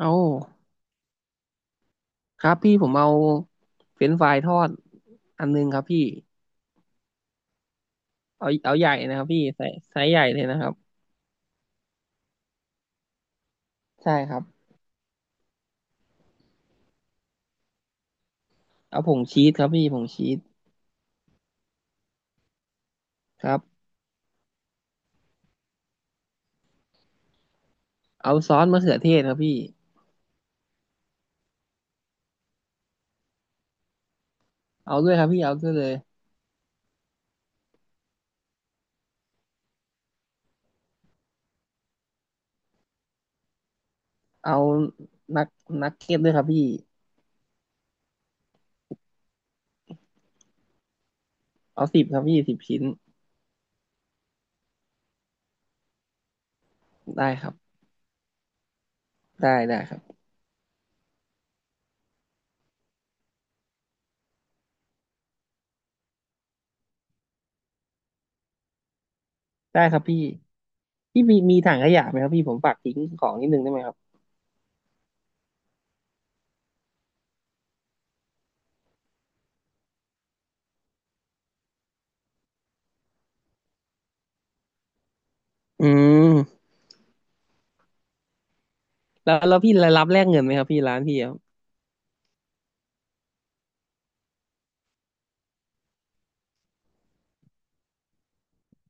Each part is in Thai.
เอาครับพี่ผมเอาเฟรนช์ฟรายทอดอันนึงครับพี่เอาใหญ่นะครับพี่ไซส์ใหญ่เลยนะครับใช่ครับเอาผงชีสครับพี่ผงชีสครับเอาซอสมะเขือเทศครับพี่เอาด้วยครับพี่เอาด้วยเลยเอานักนักเก็ตด้วยครับพี่เอาสิบครับพี่10 ชิ้นได้ครับได้ได้ครับได้ครับพี่พี่มีถังขยะไหมครับพี่ผมฝากทิ้งของนิดนึงได้ไหมครับอืมแล้วพี่รับแลกเงินไหมครับพี่ร้านพี่อะ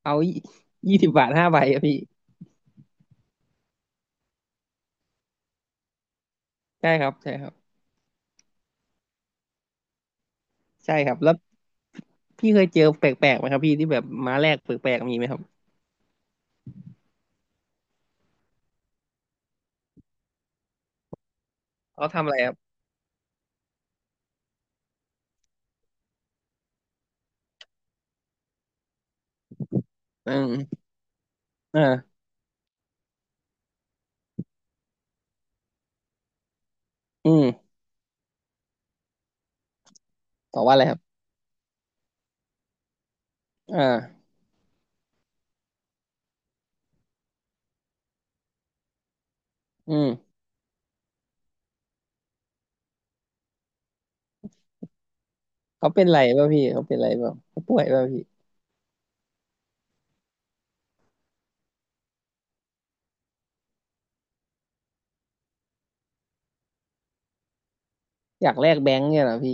เอา20 บาท 5 ใบครับพี่ ใช่ครับใช่ครับใช่ครับแล้วพี่เคยเจอแปลกๆไหมครับพี่ที่แบบม้าแลกแปลกๆมีไหมครับเขาทำอะไรครับอืมอ่าอืมตอบว่าอะไรครับอ่าอืมเขาเป็นไรป่ะพี่เขาเป็นไรป่ะเขาป่วยป่ะพี่อยากแลกแบงค์เนี่ยเหรอพี่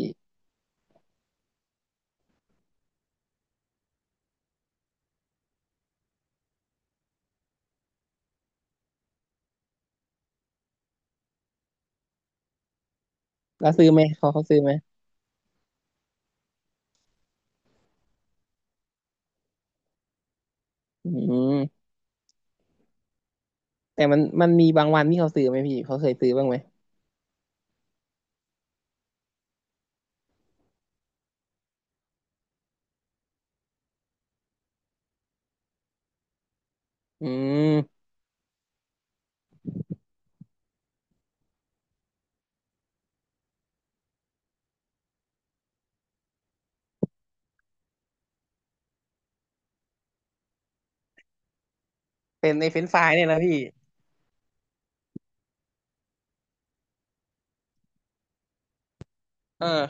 แล้วซื้อไหมเขาซื้อไหมอืมแต่มันมีบางวันที่เขาซื้อไหมพี่เขาเคยซื้อบ้างไหมอืมเป็นในเฟรนช์ฟรายเนี่ยนะพี่เออ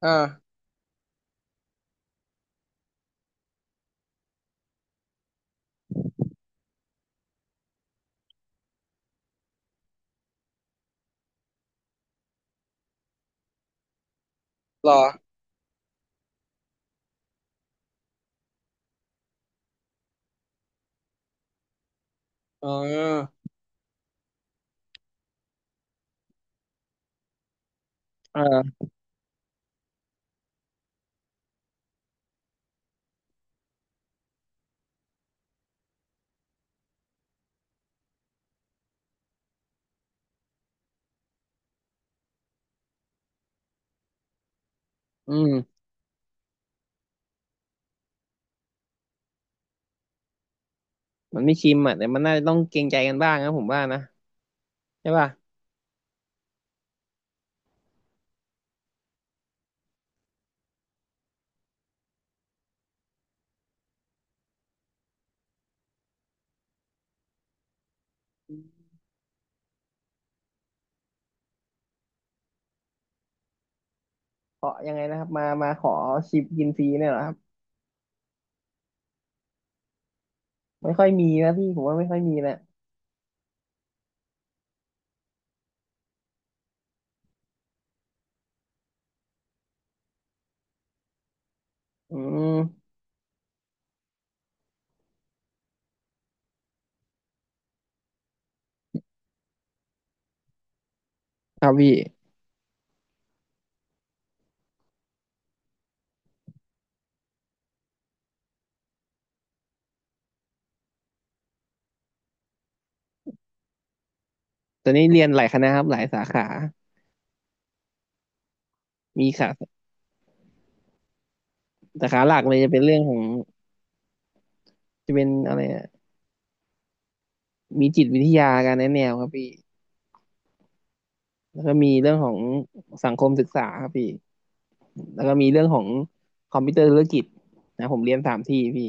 เออหรอเออเอออืมมันไม่ชิมอ่ะแต่มันน่าจะต้องเกรงใจกันบ้างนะผมว่านะใช่ป่ะ ขอยังไงนะครับมาขอชิปกินฟรีเนี่ยเหรอครับไม่ค่อยมีนะพี่ผมว่าไม่ค่อยมีนะอืมครับพี่ตอนนี้เรียนหลายคณะครับหลายสาขา มีขาสาขาหลักเลยจะเป็นเรื่องของจะเป็นอะไรอะมีจิตวิทยาการแนะแนวครับพี่แล้วก็มีเรื่องของสังคมศึกษาครับพี่แล้วก็มีเรื่องของคอมพิวเตอร์ธุรกิจนะผมเรียน3 ที่พี่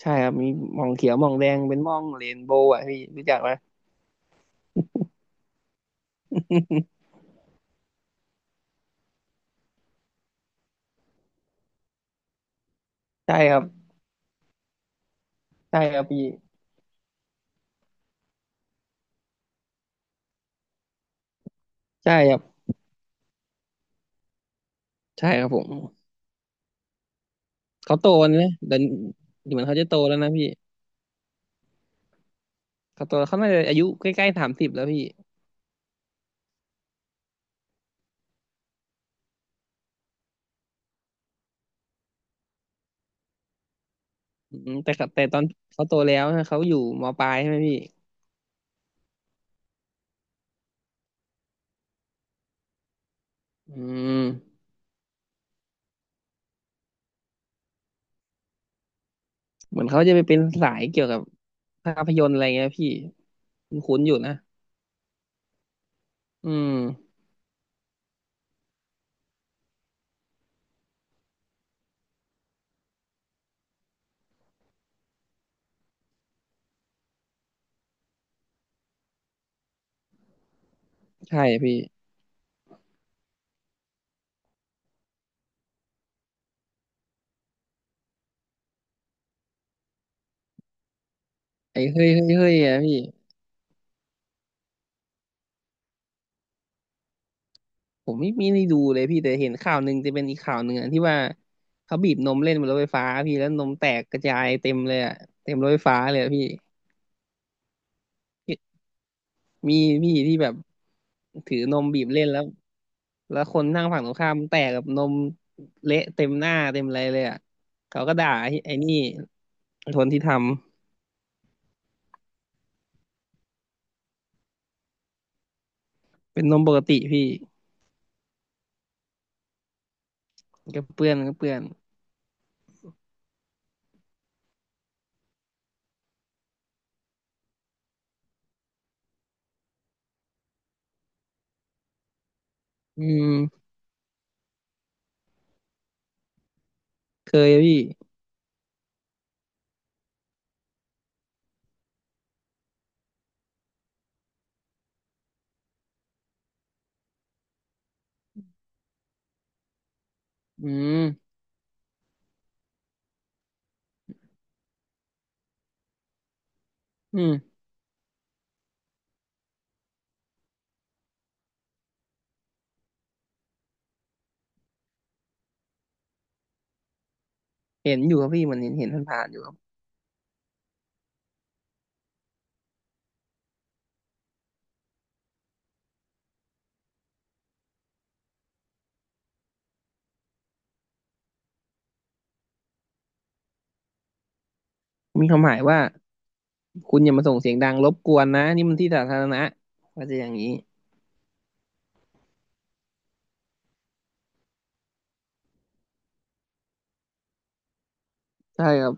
ใช่ครับมีมองเขียวมองแดงเป็นมองเรนโบว์อ่ะพี่รู้จักไหมใช่ครับใช่ครับพี่ใช่ครับใช่ครับผม เขาโตนะแต่เหมือนเขาจะโตแล้วนะพี่เขาโตแล้วเขาน่าจะอายุใกล้ๆ30แล้วพี่อืมแต่ตอนเขาโตแล้วนะเขาอยู่มปลายใช่ไหมพี่อืมเหมือนเขาจะไปเป็นสายเกี่ยวกับภาพยนตร์อะไรเงี้ยพี่คุ้นๆอยู่นะอืมใช่พี่ไอ้เฮ้ยเฮ้ยเฮ้ยอะพี่ผมไม่ได้ดูเลยพี่แต่เห็นข่าวหนึ่งจะเป็นอีกข่าวหนึ่งอะที่ว่าเขาบีบนมเล่นบนรถไฟฟ้าพี่แล้วนมแตกกระจายเต็มเลยอะเต็มรถไฟฟ้าเลยอะพี่ มีพี่ที่แบบถือนมบีบเล่นแล้วคนนั่งฝั่งตรงข้ามแตกกับนมเละเต็มหน้าเต็มอะไรเลยอ่ะเขาก็ด่าไอ้นี่คนที่ทำเป็นนมปกติพี่ก็เปื้อนก็เปื้อนอืมเคยพี่อืมอืมเห็นอยู่ครับพี่มันเห็นผ่านๆอยู่ครับมีคำหมายว่าคุณอย่ามาส่งเสียงดังรบกวนนะนี่มันที่สาธารณะก็จะอย่างนี้ใช่ครับ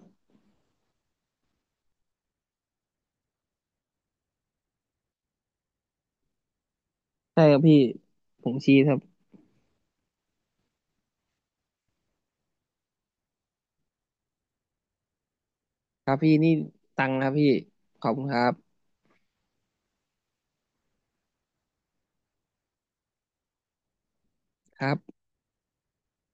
ใช่ครับพี่ผมชี้ครับครับพี่นี่ตังค์ครับพี่ขอบคุณครับครับ